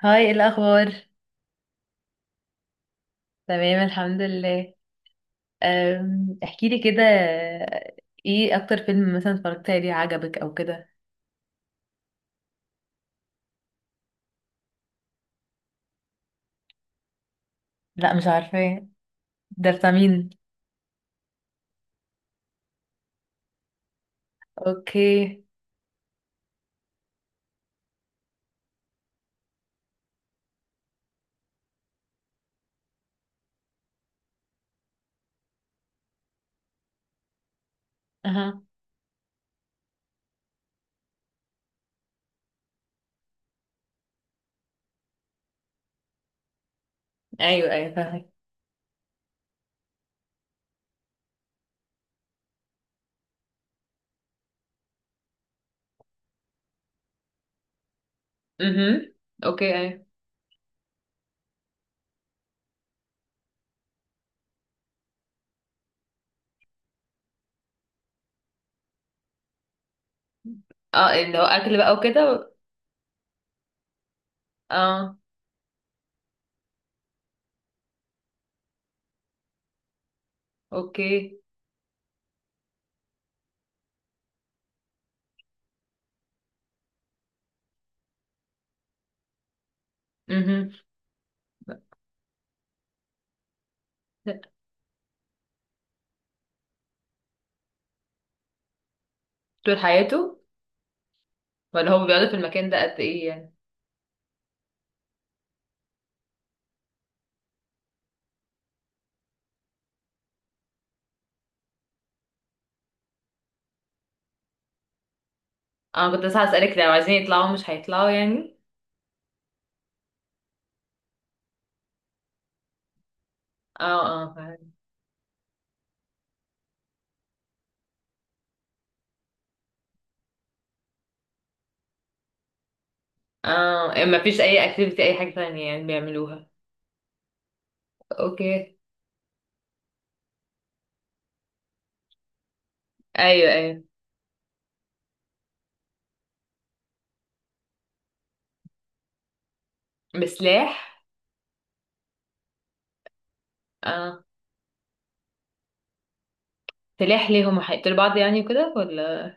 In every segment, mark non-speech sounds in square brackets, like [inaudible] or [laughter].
هاي، إيه الأخبار؟ تمام، الحمد لله. احكي لي كده. ايه أكتر فيلم مثلا اتفرجت عليه عجبك أو كده؟ لا، مش عارفة. ده بتاع مين؟ اوكي. اها. ايوه، ايوه، فاهمة. اها، اوكي، ايوه. اه، اللي هو أكل بقى وكده؟ اه، اوكي. اها. طول حياته؟ ولا هو بيقعدوا في المكان ده قد ايه يعني؟ اه، كنت لسه هسألك، لو عايزين يطلعوا مش هيطلعوا يعني؟ اه، اه، فاهمة. اه، ما فيش اي اكتيفيتي، اي حاجة تانية يعني بيعملوها؟ اوكي، ايوه، ايوه. بسلاح؟ اه، سلاح ليه؟ هما هيقتلوا بعض يعني وكده ولا؟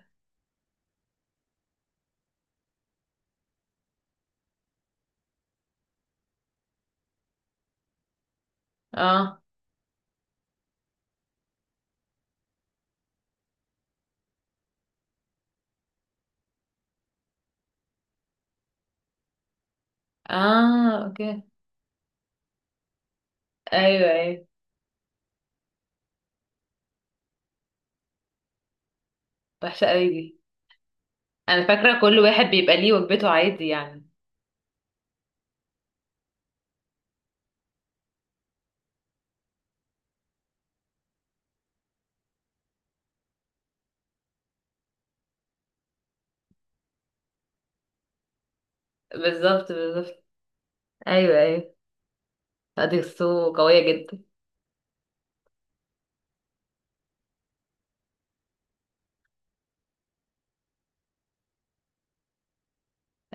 اه، اه، اوكي، ايوه، ايوه. وحشه قوي دي. انا فاكره كل واحد بيبقى ليه وجبته، عادي يعني. بالظبط، بالظبط، ايوه، ايوه. لا، دي قصته قويه جدا.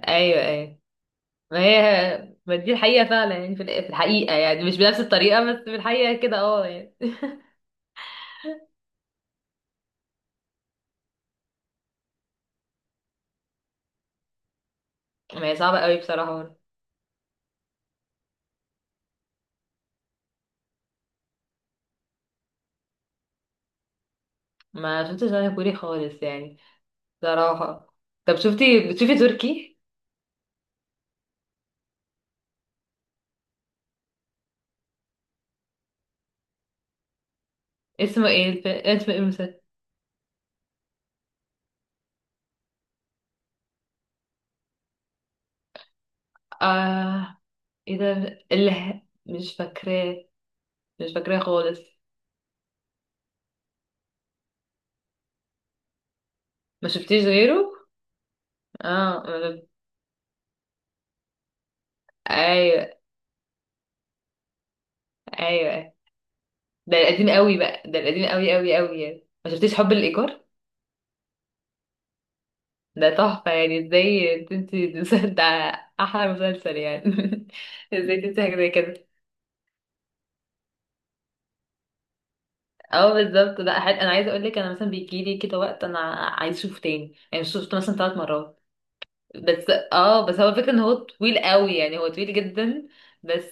ايوه، ايوه. ما هي، ما دي الحقيقه فعلا يعني، في الحقيقه يعني، مش بنفس الطريقه، بس في الحقيقه كده، اه يعني. [laughs] ما هي صعبه قوي بصراحه. ما شفتش انا كوري خالص يعني، بصراحه. طب شفتي، بتشوفي تركي؟ اسمه ايه اسم ايه المسلسل؟ اه، ايه ده مش فاكراه. مش فاكراه خالص. ما شفتيش غيره؟ اه، ايوه، ايوه. ده القديم قوي بقى، ده القديم قوي قوي قوي يعني. ما شفتيش حب الايجار؟ ده تحفه يعني. ازاي تنسي المسلسل [laughs] ده؟ احلى مسلسل يعني. [laughs] ازاي تنسي حاجه زي كده؟ اه، بالظبط. لا حل... انا عايزه اقول لك، انا مثلا بيجي لي كده وقت انا عايز اشوفه تاني يعني، شفته مثلا 3 مرات. بس اه، بس هو الفكرة ان هو طويل قوي يعني، هو طويل جدا. بس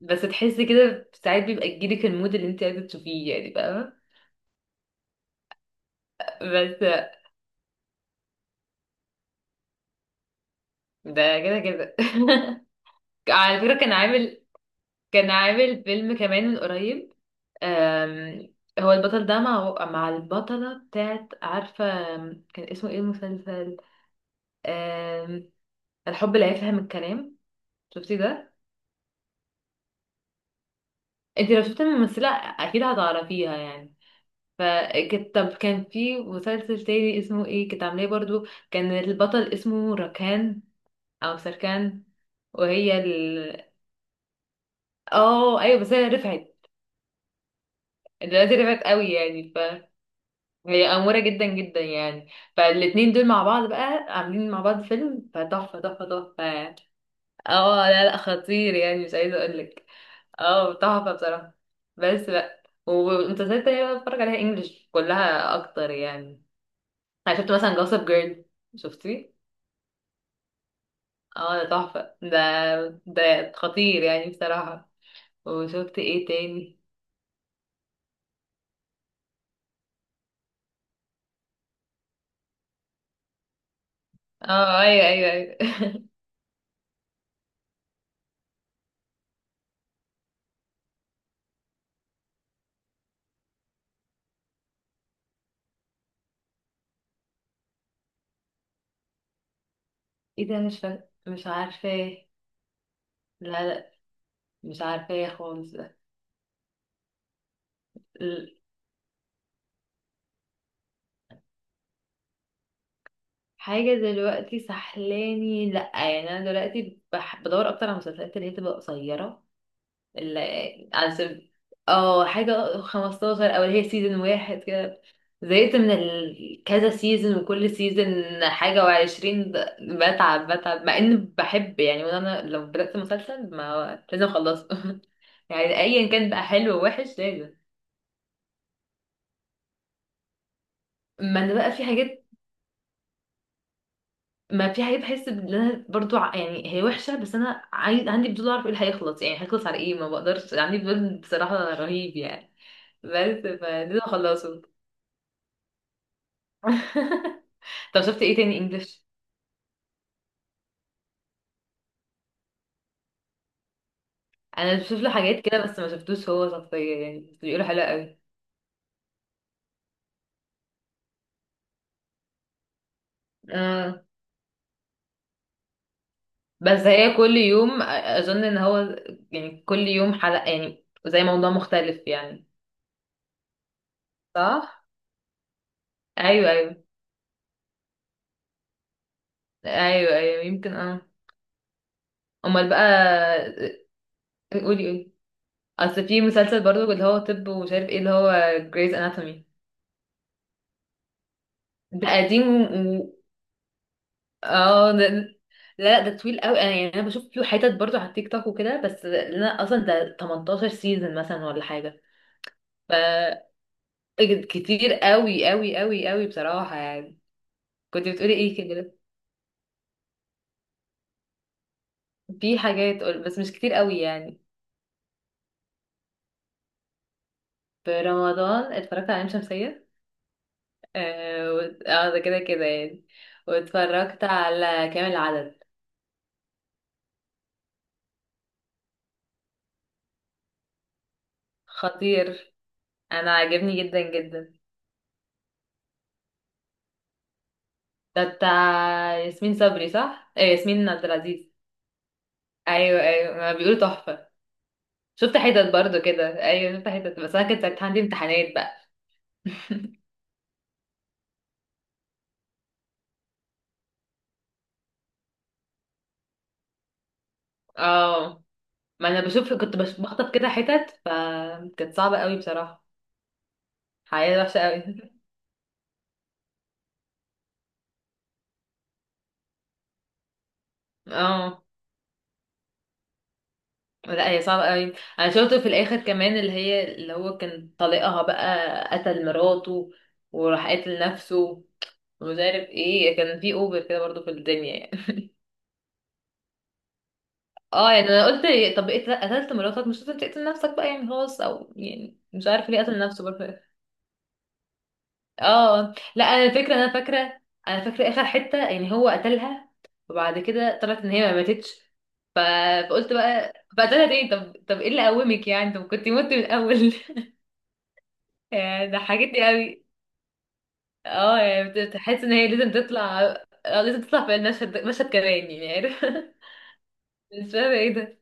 بس تحسي كده، ساعات بيبقى يجيلك المود اللي انت عايزة تشوفيه يعني، فاهمة. بس ده كده كده. [laughs] على فكرة كان عامل فيلم كمان من قريب. أم... هو البطل ده مع البطلة بتاعت، عارفة. كان اسمه ايه المسلسل؟ أم... الحب لا يفهم الكلام، شفتي ده؟ انت لو شفتي الممثلة اكيد هتعرفيها يعني. فكنت، طب كان في مسلسل تاني اسمه ايه كنت عاملاه برضو. كان البطل اسمه ركان، او سركان. وهي اه، ايوه، بس هي رفعت. دلوقتي رفعت قوي يعني. فهي أمورة جدا جدا يعني. فالاتنين دول مع بعض بقى، عاملين مع بعض فيلم، فتحفة تحفة تحفة يعني. اه، لا لا، خطير يعني، مش عايزة اقولك. اه، تحفة بصراحة. بس بقى. ومسلسلات تانية بقى بتفرج عليها انجلش كلها اكتر يعني. انا شفت مثلا جوسب جيرل، شفتيه؟ اه، ده تحفة ده خطير يعني بصراحة. وشفت ايه تاني؟ اه، ايوه، ايوه، ايوه. [laughs] ايه ده مش عارفاه. لا لا، مش عارفاه خالص ده. ال- حاجة دلوقتي سحلاني؟ لا يعني، انا دلوقتي بدور اكتر على المسلسلات اللي هي تبقى قصيرة. عشان، اه حاجة 15، او اللي هي سيزون واحد كده. زهقت من كذا سيزون، وكل سيزون حاجة وعشرين، بتعب بتعب، مع اني بحب يعني. وانا لو بدأت مسلسل ما لازم اخلصه. [laughs] يعني ايا كان بقى، حلو ووحش، لازم. ما انا بقى في حاجات، ما في حاجات بحس ان انا برضو يعني هي وحشه، بس انا عايز، عندي فضول اعرف ايه اللي هيخلص يعني، هيخلص على ايه. ما بقدرش، عندي فضول بصراحه رهيب يعني. بس فلازم اخلصه. [laughs] طب شفت ايه تاني انجلش؟ انا بشوف له حاجات كده، بس ما شفتوش هو شخصيا يعني، بس بيقولوا حلو قوي. آه. بس هي كل يوم، اظن ان هو يعني كل يوم حلقة، يعني زي موضوع مختلف يعني. صح. ايوه، ايوه، ايوه، ايوه، يمكن اه. امال بقى؟ قولي، قولي. اصل في مسلسل برضو اللي هو طب ومش عارف ايه، اللي هو جريز اناتومي. ده قديم، اه. ده، لا لا، ده طويل قوي انا يعني، انا بشوف له حتت برضو على التيك توك وكده، بس انا اصلا ده 18 سيزون مثلا ولا حاجه. ف كتير قوي قوي قوي قوي بصراحه يعني. كنت بتقولي ايه كده؟ في حاجات بس مش كتير قوي يعني. في رمضان اتفرجت على لام شمسيه. اه آه، ده كده كده يعني. واتفرجت على كامل العدد. خطير. انا عاجبني جدا جدا. ده بتاع ياسمين صبري، صح؟ آه، ياسمين عبد العزيز. ايوه، ايوه، ما بيقولوا تحفه. شفت حتت برضو كده، ايوه شفت حتت، بس انا كنت ساعتها عندي امتحانات بقى. اه، ما انا بشوف، كنت بخطف كده حتت، فكانت صعبة قوي بصراحة. حياة وحشة قوي. [laughs] اه، لا هي صعبة قوي. انا شفته في الاخر كمان، اللي هو كان طليقها بقى، قتل مراته. وراح قاتل نفسه. ومش عارف ايه، كان في اوفر كده برضو في الدنيا يعني. [laughs] اه يعني، انا قلت، طب إيه، قتلت مراتك مش لازم تقتل نفسك بقى يعني، خلاص. او يعني مش عارف ليه قتل نفسه برضه. اه، لا، انا الفكره، انا فاكره اخر حته يعني، هو قتلها. وبعد كده طلعت ان هي ما ماتتش. ف... فقلت بقى، فقتلها تاني. طب ايه اللي قومك يعني، طب كنت مت من الاول. [laughs] يعني ضحكتني قوي. اه يعني، بتحس ان هي لازم تطلع. اه، لازم تطلع في المشهد ده، مشهد كمان يعني، عارف. [laughs] مش فاهمه ايه ده.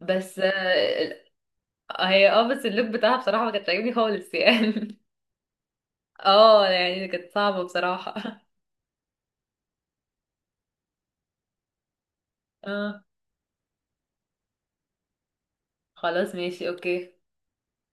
بس هي، اه، بس اللوك بتاعها بصراحه ما كانت عاجبني خالص يعني. [laughs] اه يعني، كانت صعبه بصراحه. [laughs] اه، خلاص، ماشي، اوكي.